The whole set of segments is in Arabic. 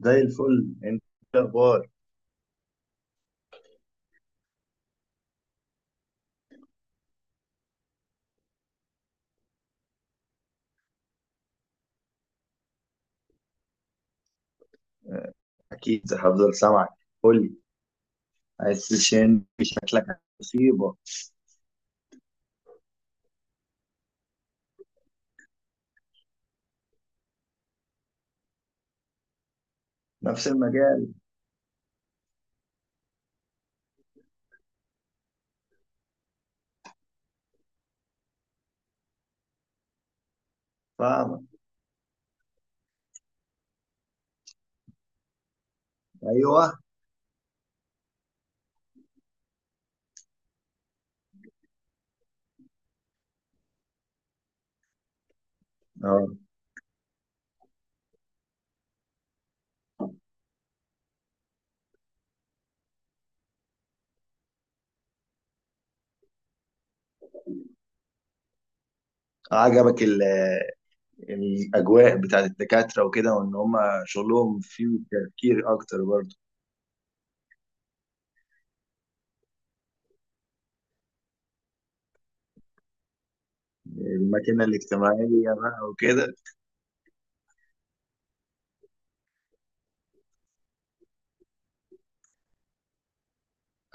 زي الفل. انت إيه الاخبار؟ آه، اكيد هفضل سامعك. قول لي، عايز تشين شكلك مصيبه. نفس المجال. فاهمك. ايوه. اه، عجبك الاجواء بتاعت الدكاتره وكده، وان هم شغلهم فيه تفكير اكتر برضه. الماكينه الاجتماعيه بقى وكده.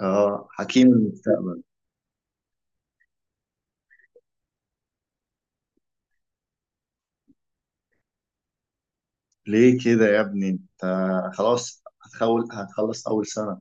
اه، حكيم المستقبل. ليه كده يا ابني انت؟ خلاص هتخول هتخلص اول سنه.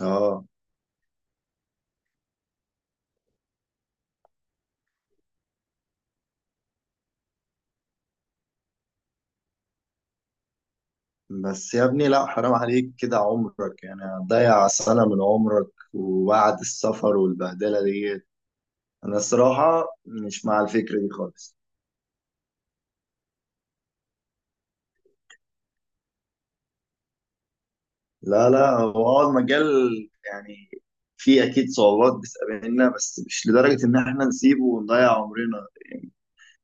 اه بس يا ابني، لا حرام عليك كده عمرك، يعني هتضيع سنة من عمرك وبعد السفر والبهدلة دي. أنا الصراحة مش مع الفكرة دي خالص. لا لا، هو المجال يعني فيه أكيد صعوبات بتقابلنا، بس مش لدرجة إن إحنا نسيبه ونضيع عمرنا.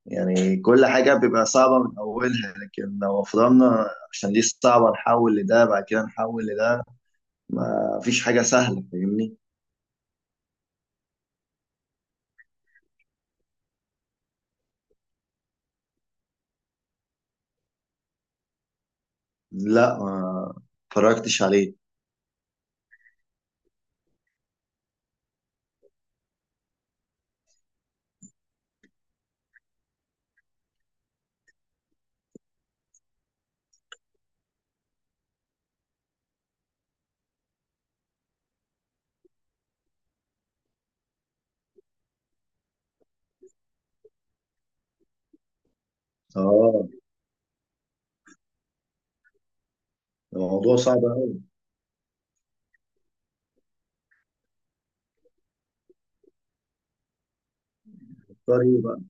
يعني كل حاجة بيبقى صعبة من أولها، لكن لو فضلنا عشان دي صعبة نحول لده، بعد كده نحول لده، ما فيش حاجة سهلة، فاهمني. لا ما اتفرجتش عليه. اه الموضوع صعب قوي. طريق بقى.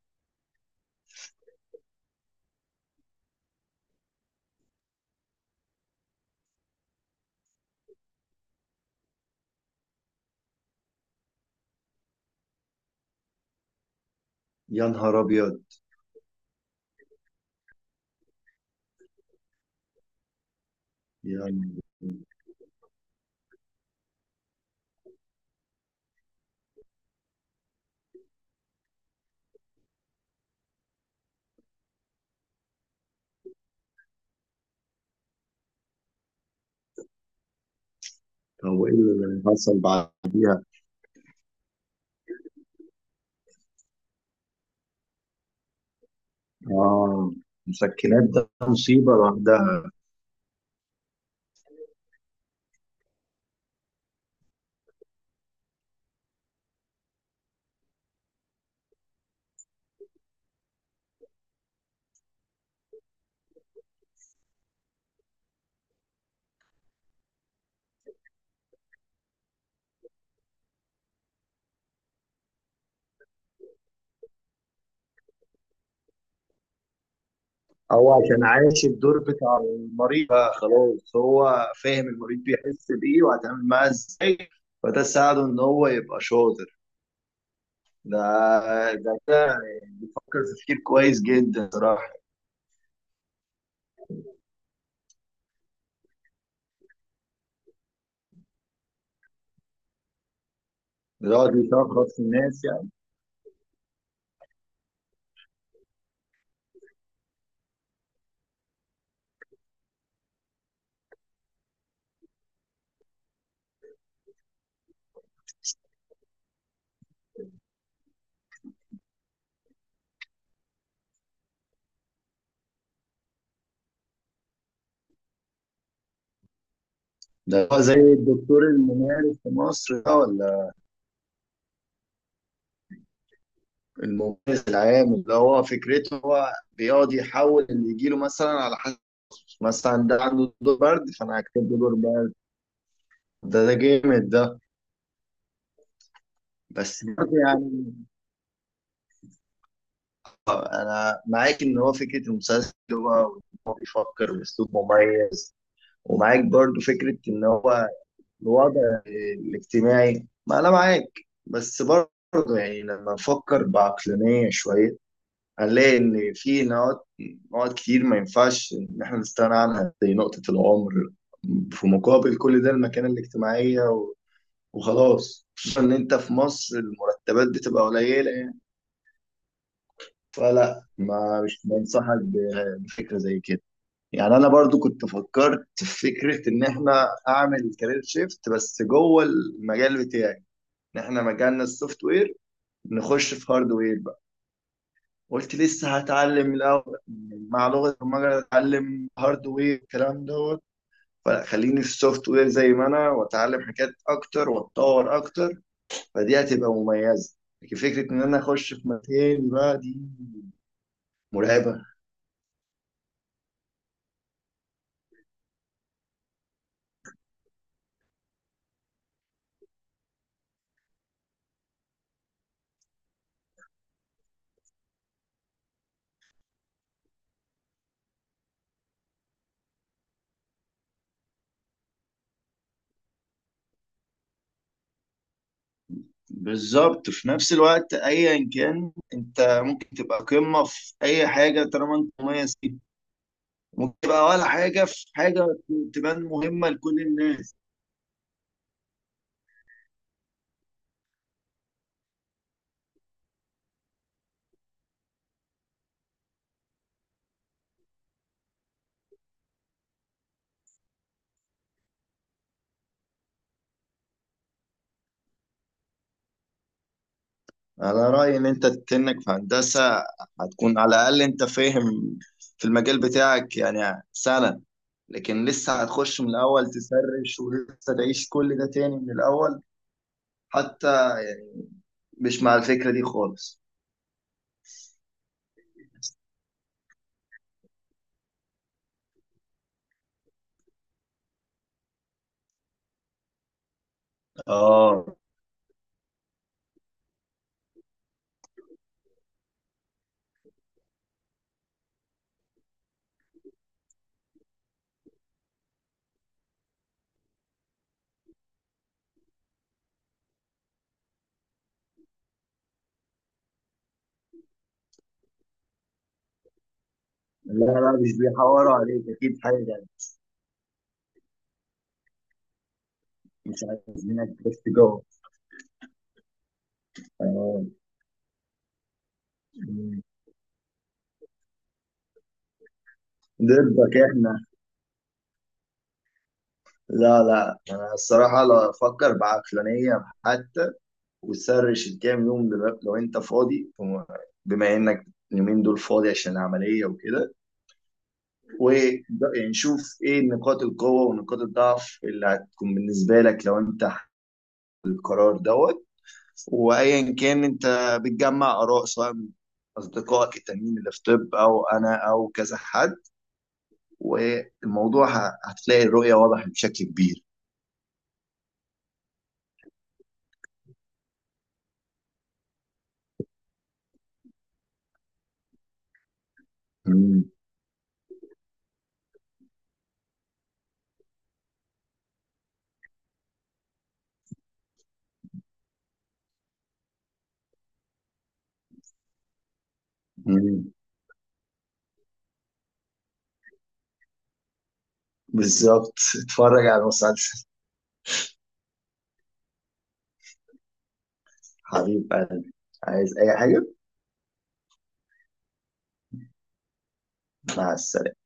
يا نهار ابيض، يعني هو ايه اللي حصل بعد؟ اه، مسكنات ده مصيبه لوحدها. هو عشان عايش الدور بتاع المريض بقى، خلاص هو فاهم المريض بيحس بايه وهيتعامل معاه ازاي، فده ساعده ان هو يبقى شاطر. ده ده فكر تفكير كويس جدا صراحه. بيقعد يشخص في الناس يعني. ده هو زي الدكتور الممارس في مصر ده ولا؟ المميز العام اللي هو فكرته هو بيقعد يحول اللي يجيله، مثلا على حسب، مثلا ده عنده دور برد فانا هكتب له دور برد. ده جامد ده. بس برضه يعني انا معاك ان هو فكره المسلسل هو، وإن هو بيفكر باسلوب مميز. ومعاك برضه فكره ان هو الوضع الاجتماعي، ما انا معاك. بس برضه يعني لما نفكر بعقلانيه شويه، هنلاقي إن في نقط كتير ما ينفعش إن إحنا نستغنى عنها، زي نقطة العمر في مقابل كل ده المكانة الاجتماعية وخلاص. خصوصا إن أنت في مصر المرتبات بتبقى قليلة يعني. فلا ما مش بنصحك بفكرة زي كده. يعني أنا برضو كنت فكرت في فكرة إن إحنا أعمل كارير شيفت بس جوه المجال بتاعي، إن إحنا مجالنا السوفت وير نخش في هاردوير. قلت لسه هتعلم الاول، مع لغه البرمجه اتعلم هاردوير والكلام دوت. فلا، خليني في السوفت وير زي ما انا، واتعلم حاجات اكتر واتطور اكتر، فدي هتبقى مميزه. لكن فكره ان انا اخش في مكان بقى دي مرعبه. بالظبط. في نفس الوقت ايا كان انت، ممكن تبقى قمه في اي حاجه طالما انت مميز فيها، ممكن تبقى ولا حاجه في حاجه تبان مهمه لكل الناس. على رأيي إن أنت تنك في هندسة، هتكون على الأقل أنت فاهم في المجال بتاعك يعني سنة. لكن لسه هتخش من الأول تسرش ولسه تعيش كل ده تاني من الأول. حتى يعني مش مع الفكرة دي خالص. آه لا لا، مش بيحوروا عليك أكيد حاجة يعني. مش عايزينك بس جوه. آه. ضدك إحنا. لا لا، أنا الصراحة لا، أفكر بعقلانية حتى وسرش الكام يوم دلوقتي لو انت فاضي بما انك اليومين دول فاضي عشان العملية وكده. و يعني شوف ايه نقاط القوة ونقاط الضعف اللي هتكون بالنسبة لك لو انت القرار دوت. وايا كان انت بتجمع اراء سواء من اصدقائك التانيين اللي في طب او انا او كذا حد، والموضوع هتلاقي الرؤية واضحة بشكل كبير. مم. مم. بالظبط، اتفرج على المسلسل. حبيب قلبي، عايز اي حاجة؟ مع السلامة.